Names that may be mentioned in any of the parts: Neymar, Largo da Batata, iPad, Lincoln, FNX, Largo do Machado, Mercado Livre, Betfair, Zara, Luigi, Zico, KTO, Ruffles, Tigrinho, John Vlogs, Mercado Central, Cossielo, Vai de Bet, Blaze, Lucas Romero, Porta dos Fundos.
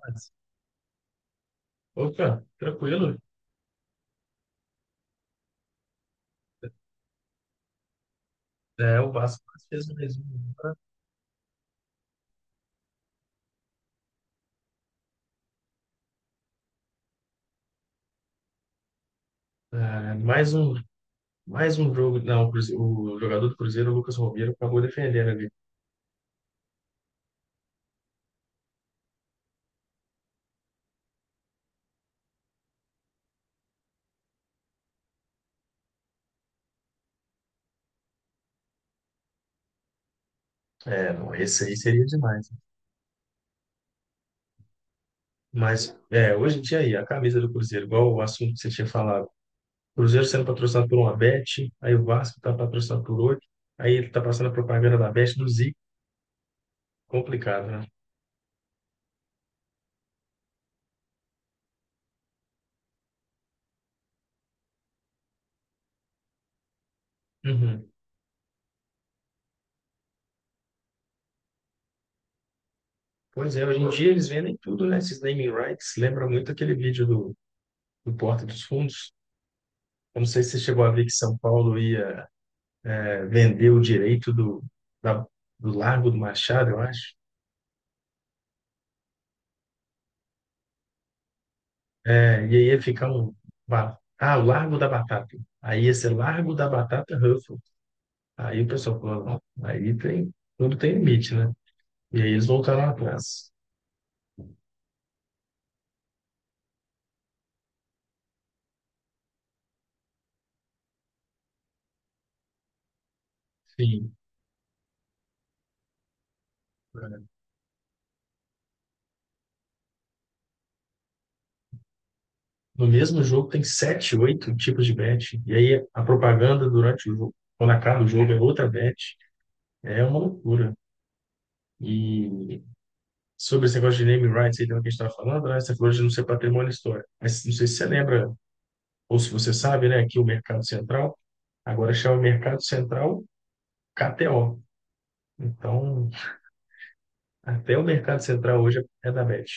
Mas, opa, tranquilo. É, o Vasco fez mais um, mais um, mais um jogo. Não, o o jogador do Cruzeiro, o Lucas Romero, acabou defendendo ali. É, não, esse aí seria demais, né? Mas, hoje em dia aí, a camisa do Cruzeiro, igual o assunto que você tinha falado. Cruzeiro sendo patrocinado por uma Bet, aí o Vasco tá patrocinado por outro, aí ele tá passando a propaganda da Bet do Zico. Complicado, né? Uhum. Pois é, hoje em dia eles vendem tudo, né? Esses naming rights. Lembra muito aquele vídeo do Porta dos Fundos. Eu não sei se você chegou a ver que São Paulo ia vender o direito da- do Largo do Machado, eu acho. É, e aí ia ficar um. Ah, o Largo da Batata. Aí ia ser Largo da Batata Ruffles. Aí o pessoal falou, não, aí tem, tudo tem limite, né? E aí eles voltaram atrás. Sim. É. No mesmo jogo tem sete, oito tipos de bet. E aí a propaganda durante o jogo, quando acaba o jogo, é outra bet. É uma loucura. E sobre esse negócio de naming rights aí também que a gente estava falando, né? Você falou de não ser patrimônio histórico. Mas não sei se você lembra, ou se você sabe, né, que o Mercado Central agora chama Mercado Central KTO. Então, até o Mercado Central hoje é da Bet.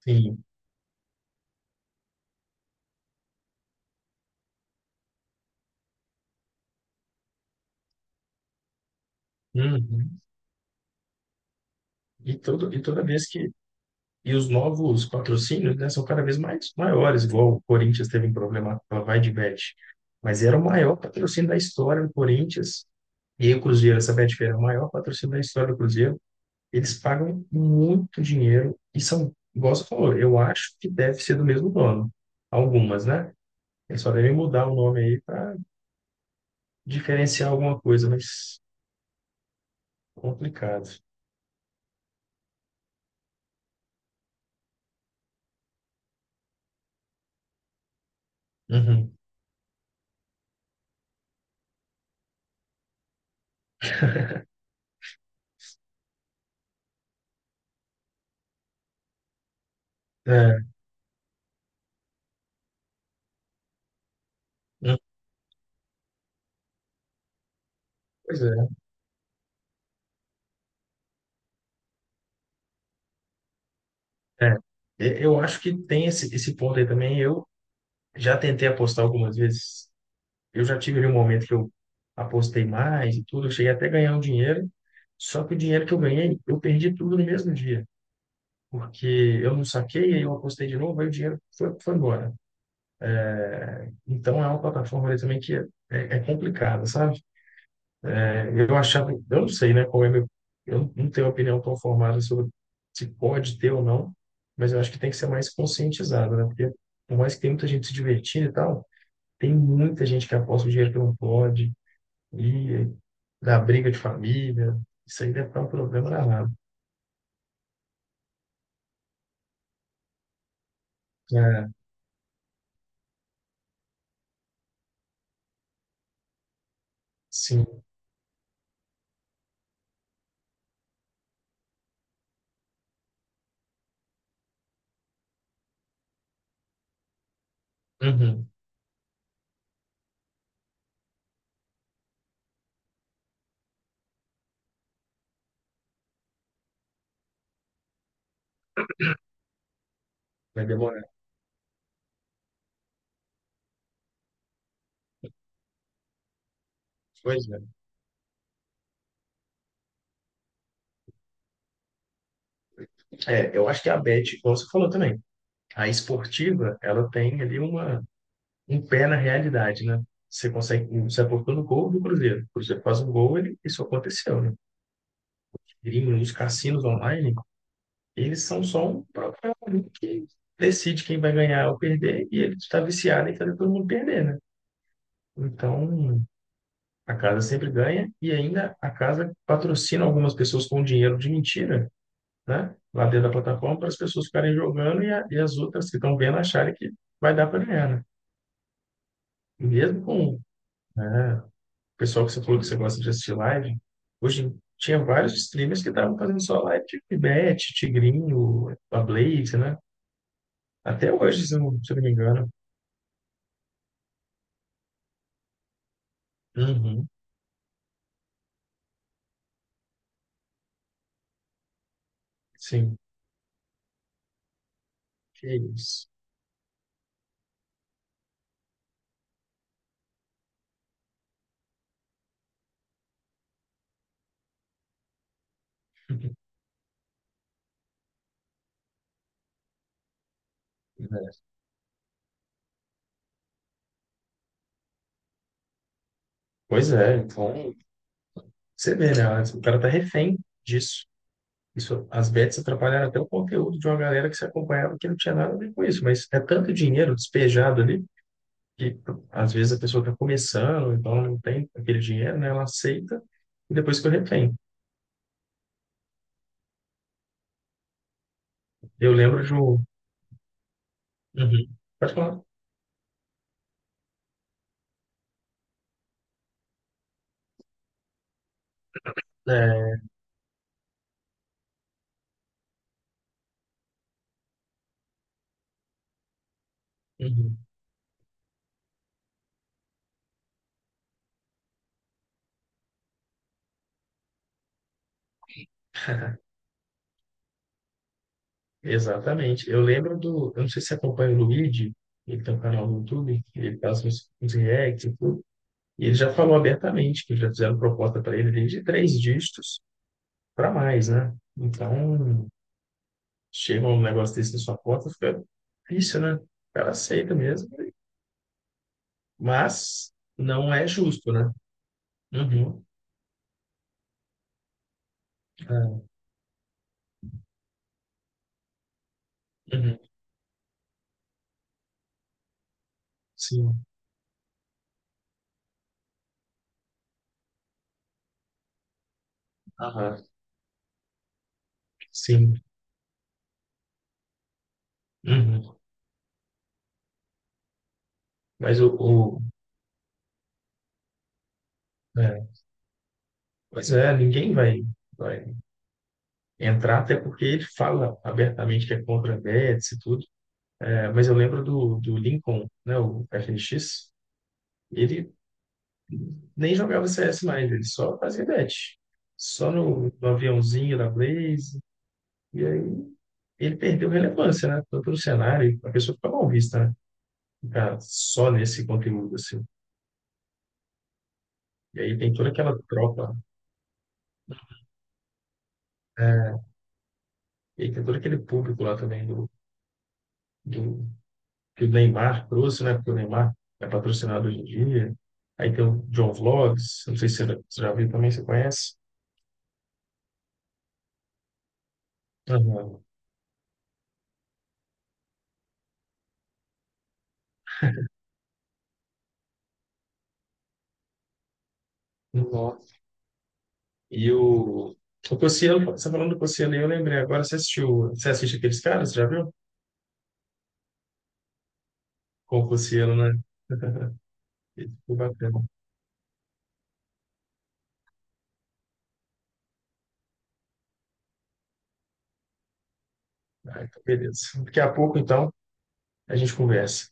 Sim. Uhum. E toda vez que. E os novos patrocínios, né, são cada vez mais maiores, igual o Corinthians teve um problema com a Vai de Bet. Mas era o maior patrocínio da história do Corinthians. E aí o Cruzeiro, essa Betfair é o maior patrocínio da história do Cruzeiro. Eles pagam muito dinheiro e são, igual você falou, eu acho que deve ser do mesmo dono. Algumas, né? Eles só devem mudar o nome aí para diferenciar alguma coisa, mas complicado. Uhum. É, hum, pois é. É. Eu acho que tem esse ponto aí também. Eu já tentei apostar algumas vezes. Eu já tive ali um momento que eu apostei mais e tudo. Eu cheguei até a ganhar um dinheiro. Só que o dinheiro que eu ganhei, eu perdi tudo no mesmo dia. Porque eu não saquei, aí eu apostei de novo, aí o dinheiro foi embora. Então é uma plataforma ali também que é complicada, sabe? É, eu achava, eu não sei, né, qual é meu, eu não tenho opinião tão formada sobre se pode ter ou não, mas eu acho que tem que ser mais conscientizado, né? Porque por mais que tenha muita gente se divertindo e tal, tem muita gente que aposta o dinheiro que não pode, e dá briga de família, isso aí deve dar um problema danado. É, sim. Uhum. Vai demorar. Pois é. É, eu acho que a Bet, como você falou também, a esportiva, ela tem ali um pé na realidade, né? Você consegue, você aportou no gol do Cruzeiro. O Cruzeiro faz um gol, ele, isso aconteceu, né? Gringo, os cassinos online, eles são só um papel ali que decide quem vai ganhar ou perder, e ele está viciado em fazer todo mundo perder, né? Então, a casa sempre ganha, e ainda a casa patrocina algumas pessoas com dinheiro de mentira, né, lá dentro da plataforma para as pessoas ficarem jogando e, e as outras que estão vendo acharem que vai dar para ganhar, né? E mesmo com, né, o pessoal que você falou que você gosta de assistir live, hoje tinha vários streamers que estavam fazendo só live de Bet, Tigrinho, a Blaze, né? Até hoje, se eu não me engano. Uhum, sim, que isso. Pois é, então, você vê, né? O cara tá refém disso. Isso, as bets atrapalharam até o conteúdo de uma galera que se acompanhava que não tinha nada a ver com isso, mas é tanto dinheiro despejado ali que às vezes a pessoa está começando, então ela não tem aquele dinheiro, né? Ela aceita e depois que eu retém. Eu lembro de um. Uhum. Pode falar. É, uhum. Exatamente. Eu lembro do. Eu não sei se você acompanha o Luigi, ele tem um canal no YouTube, ele faz uns, uns reacts e tudo. E ele já falou abertamente que já fizeram proposta para ele desde três dígitos para mais, né? Então, chega um negócio desse na sua porta, fica difícil, né? O cara aceita mesmo, mas não é justo, né? Uhum. É, uhum. Sim. Aham. Sim. Uhum. Mas o é, pois é, ninguém vai, vai entrar, até porque ele fala abertamente que é contra a bets e tudo. É, mas eu lembro do Lincoln, né, o FNX, ele nem jogava CS mais, ele só fazia bet. Só no aviãozinho da Blaze. E aí ele perdeu relevância, né? Tanto no cenário, a pessoa fica mal vista, né? Ficar só nesse conteúdo, assim. E aí tem toda aquela tropa, é, e aí tem todo aquele público lá também do, que o Neymar trouxe, né? Porque o Neymar é patrocinado hoje em dia. Aí tem o John Vlogs, não sei se você já viu também, você conhece? Aham. Nossa. E o, o Cossielo, você falando do Cossielo, aí, eu lembrei agora, você assistiu, você assiste aqueles caras, você já viu? Com o Cossielo, né? Ele ficou bacana. Ah, então beleza. Daqui a pouco, então, a gente conversa.